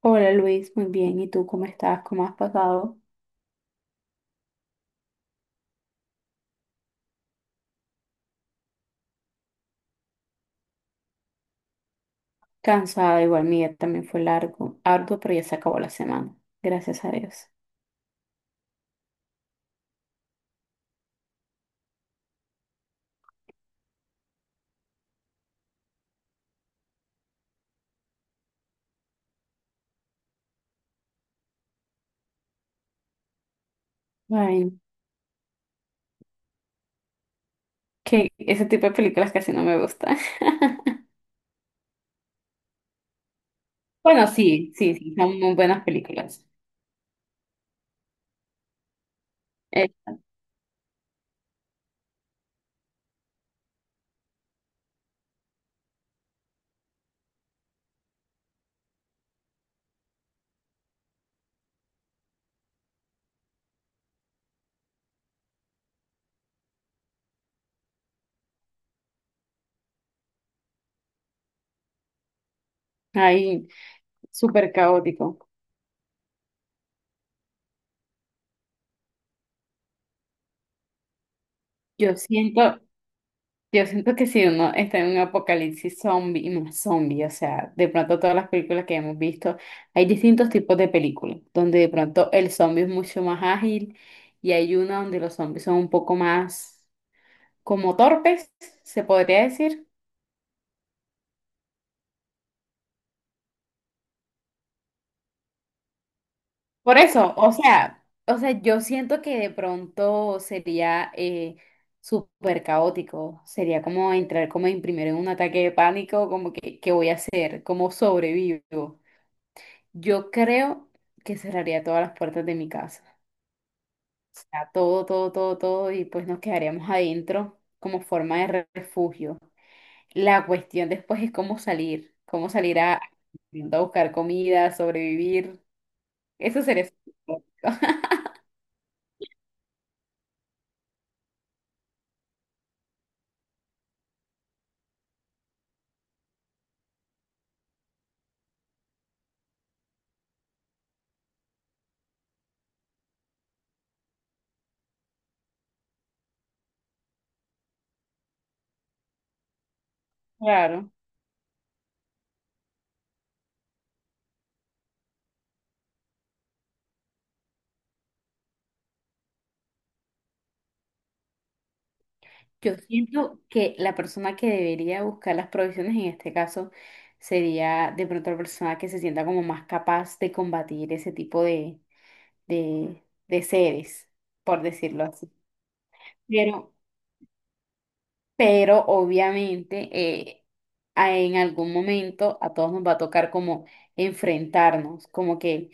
Hola Luis, muy bien. ¿Y tú cómo estás? ¿Cómo has pasado? Cansada, igual mi día también fue largo, arduo, pero ya se acabó la semana. Gracias a Dios. Ay, que ese tipo de películas casi no me gustan. Bueno, sí, sí, sí, son muy buenas películas. Eh, ay, súper caótico. Yo siento, Yo siento que si uno está en un apocalipsis zombie y más zombie, o sea, de pronto todas las películas que hemos visto, hay distintos tipos de películas, donde de pronto el zombie es mucho más ágil y hay una donde los zombies son un poco más como torpes, se podría decir. Por eso, o sea, yo siento que de pronto sería súper caótico, sería como entrar como en primero en un ataque de pánico, como que, ¿qué voy a hacer? ¿Cómo sobrevivo? Yo creo que cerraría todas las puertas de mi casa. O sea, todo, todo, todo, todo, y pues nos quedaríamos adentro como forma de refugio. La cuestión después es cómo salir a buscar comida, sobrevivir. Eso sería súper complicado. Claro. Yo siento que la persona que debería buscar las provisiones en este caso sería de pronto la persona que se sienta como más capaz de combatir ese tipo de, de seres, por decirlo así. Pero, pero obviamente eh, en algún momento a todos nos va a tocar como enfrentarnos, como que,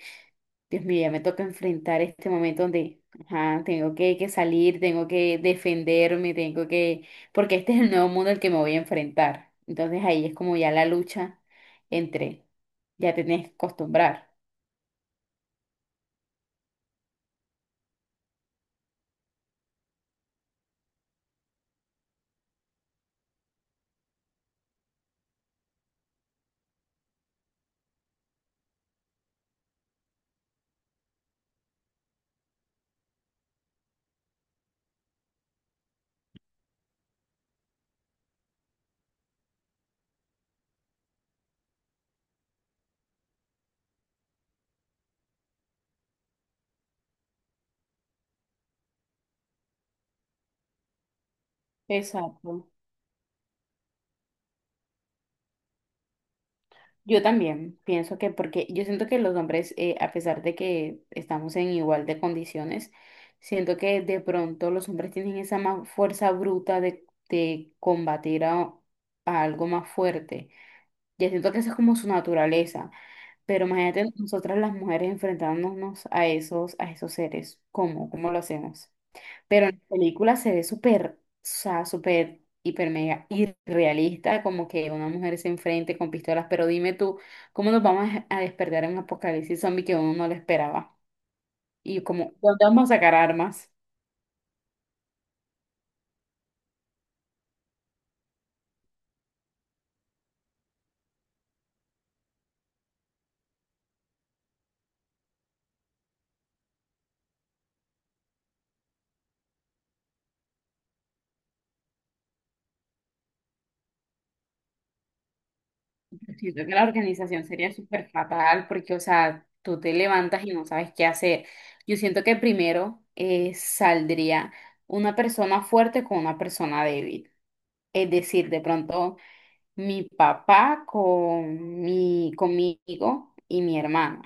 Dios mío, ya me toca enfrentar este momento donde, ajá, tengo que salir, tengo que defenderme, tengo que, porque este es el nuevo mundo al que me voy a enfrentar. Entonces ahí es como ya la lucha entre, ya te tienes que acostumbrar. Exacto. Yo también pienso que, porque yo siento que los hombres, a pesar de que estamos en igual de condiciones, siento que de pronto los hombres tienen esa más fuerza bruta de combatir a algo más fuerte. Ya siento que esa es como su naturaleza, pero imagínate nosotras las mujeres enfrentándonos a esos seres, ¿cómo? ¿Cómo lo hacemos? Pero en la película se ve súper, o sea, súper, hiper, mega irrealista, como que una mujer se enfrente con pistolas. Pero dime tú, ¿cómo nos vamos a despertar en un apocalipsis zombie que uno no lo esperaba? Y como, ¿dónde vamos a sacar armas? Siento que la organización sería súper fatal porque, o sea, tú te levantas y no sabes qué hacer. Yo siento que primero saldría una persona fuerte con una persona débil. Es decir, de pronto mi papá con mi, conmigo y mi hermana.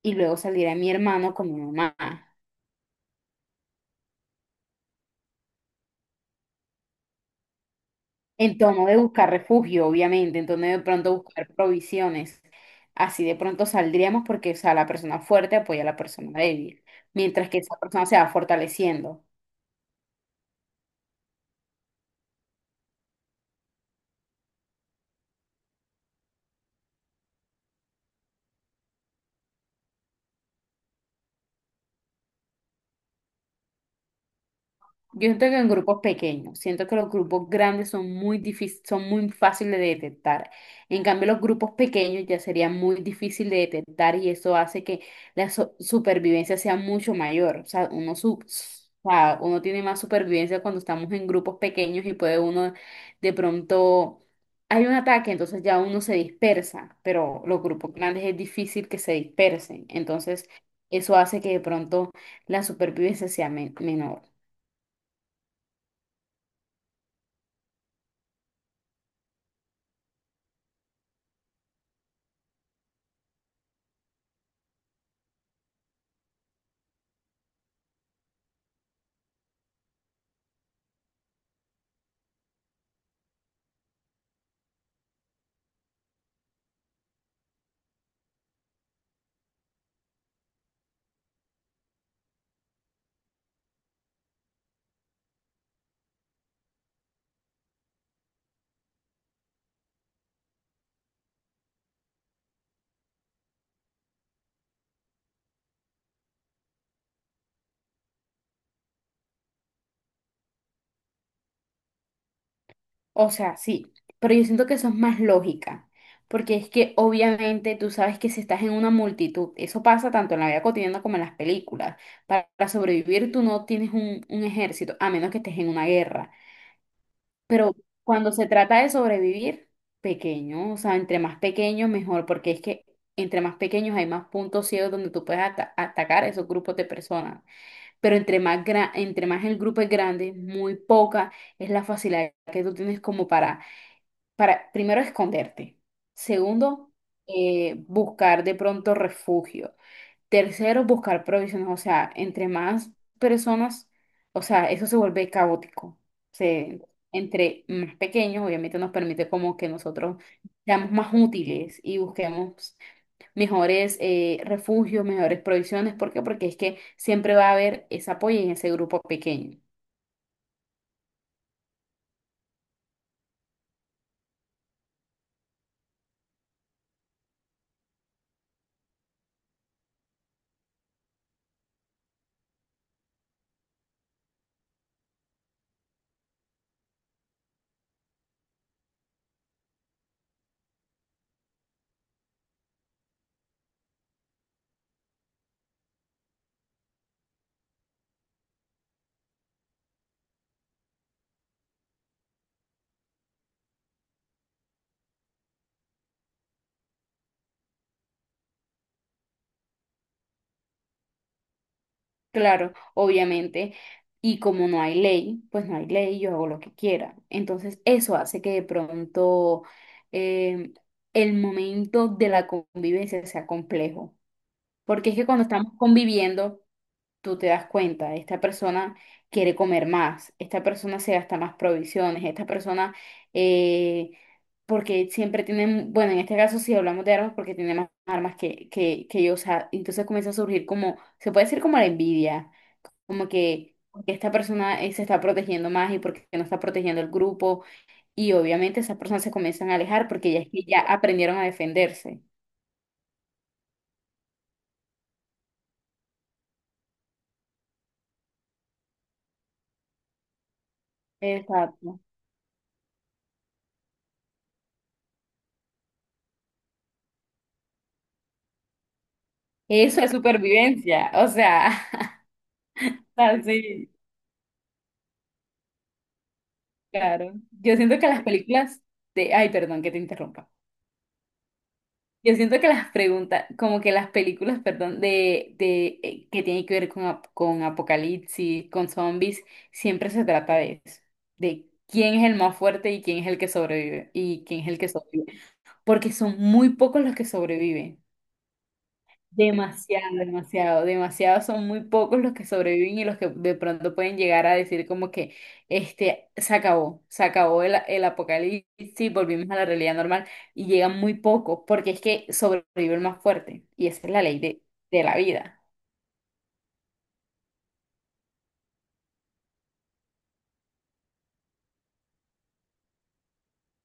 Y luego saldría mi hermano con mi mamá. En tono de buscar refugio, obviamente, en tono de pronto buscar provisiones. Así de pronto saldríamos porque, o sea, la persona fuerte apoya a la persona débil, mientras que esa persona se va fortaleciendo. Yo siento que en grupos pequeños, siento que los grupos grandes son muy difícil, son muy fáciles de detectar. En cambio, los grupos pequeños ya sería muy difícil de detectar y eso hace que la supervivencia sea mucho mayor. O sea, o sea, uno tiene más supervivencia cuando estamos en grupos pequeños y puede uno de pronto hay un ataque, entonces ya uno se dispersa, pero los grupos grandes es difícil que se dispersen. Entonces, eso hace que de pronto la supervivencia sea menor. O sea, sí, pero yo siento que eso es más lógica, porque es que obviamente tú sabes que si estás en una multitud, eso pasa tanto en la vida cotidiana como en las películas. Para sobrevivir tú no tienes un ejército, a menos que estés en una guerra. Pero cuando se trata de sobrevivir, pequeño, o sea, entre más pequeños mejor, porque es que entre más pequeños hay más puntos ciegos donde tú puedes atacar a esos grupos de personas. Pero entre más, entre más el grupo es grande, muy poca es la facilidad que tú tienes como para, primero, esconderte. Segundo, buscar de pronto refugio. Tercero, buscar provisiones. O sea, entre más personas, o sea, eso se vuelve caótico. Se, entre más pequeños, obviamente nos permite como que nosotros seamos más útiles y busquemos mejores refugios, mejores provisiones. ¿Por qué? Porque es que siempre va a haber ese apoyo en ese grupo pequeño. Claro, obviamente. Y como no hay ley, pues no hay ley, yo hago lo que quiera. Entonces, eso hace que de pronto em, el momento de la convivencia sea complejo. Porque es que cuando estamos conviviendo, tú te das cuenta, esta persona quiere comer más, esta persona se gasta más provisiones, esta persona, eh, porque siempre tienen, bueno, en este caso si hablamos de armas, porque tiene más armas que, que yo, o sea, entonces comienza a surgir como, se puede decir como la envidia como que porque esta persona se está protegiendo más y porque no está protegiendo el grupo y obviamente esas personas se comienzan a alejar porque ya es que ya aprendieron a defenderse. Exacto. Eso es supervivencia, o sea, así, claro. Yo siento que las películas de... Ay, perdón, que te interrumpa. Yo siento que las preguntas, como que las películas, perdón, de, que tienen que ver con, con apocalipsis, con zombies, siempre se trata de eso, de quién es el más fuerte y quién es el que sobrevive, y quién es el que sobrevive, porque son muy pocos los que sobreviven. Demasiado, demasiado, demasiado. Son muy pocos los que sobreviven y los que de pronto pueden llegar a decir como que este se acabó el apocalipsis, volvimos a la realidad normal y llegan muy pocos porque es que sobrevive el más fuerte y esa es la ley de la vida.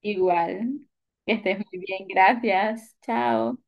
Igual, que estés muy bien, gracias, chao.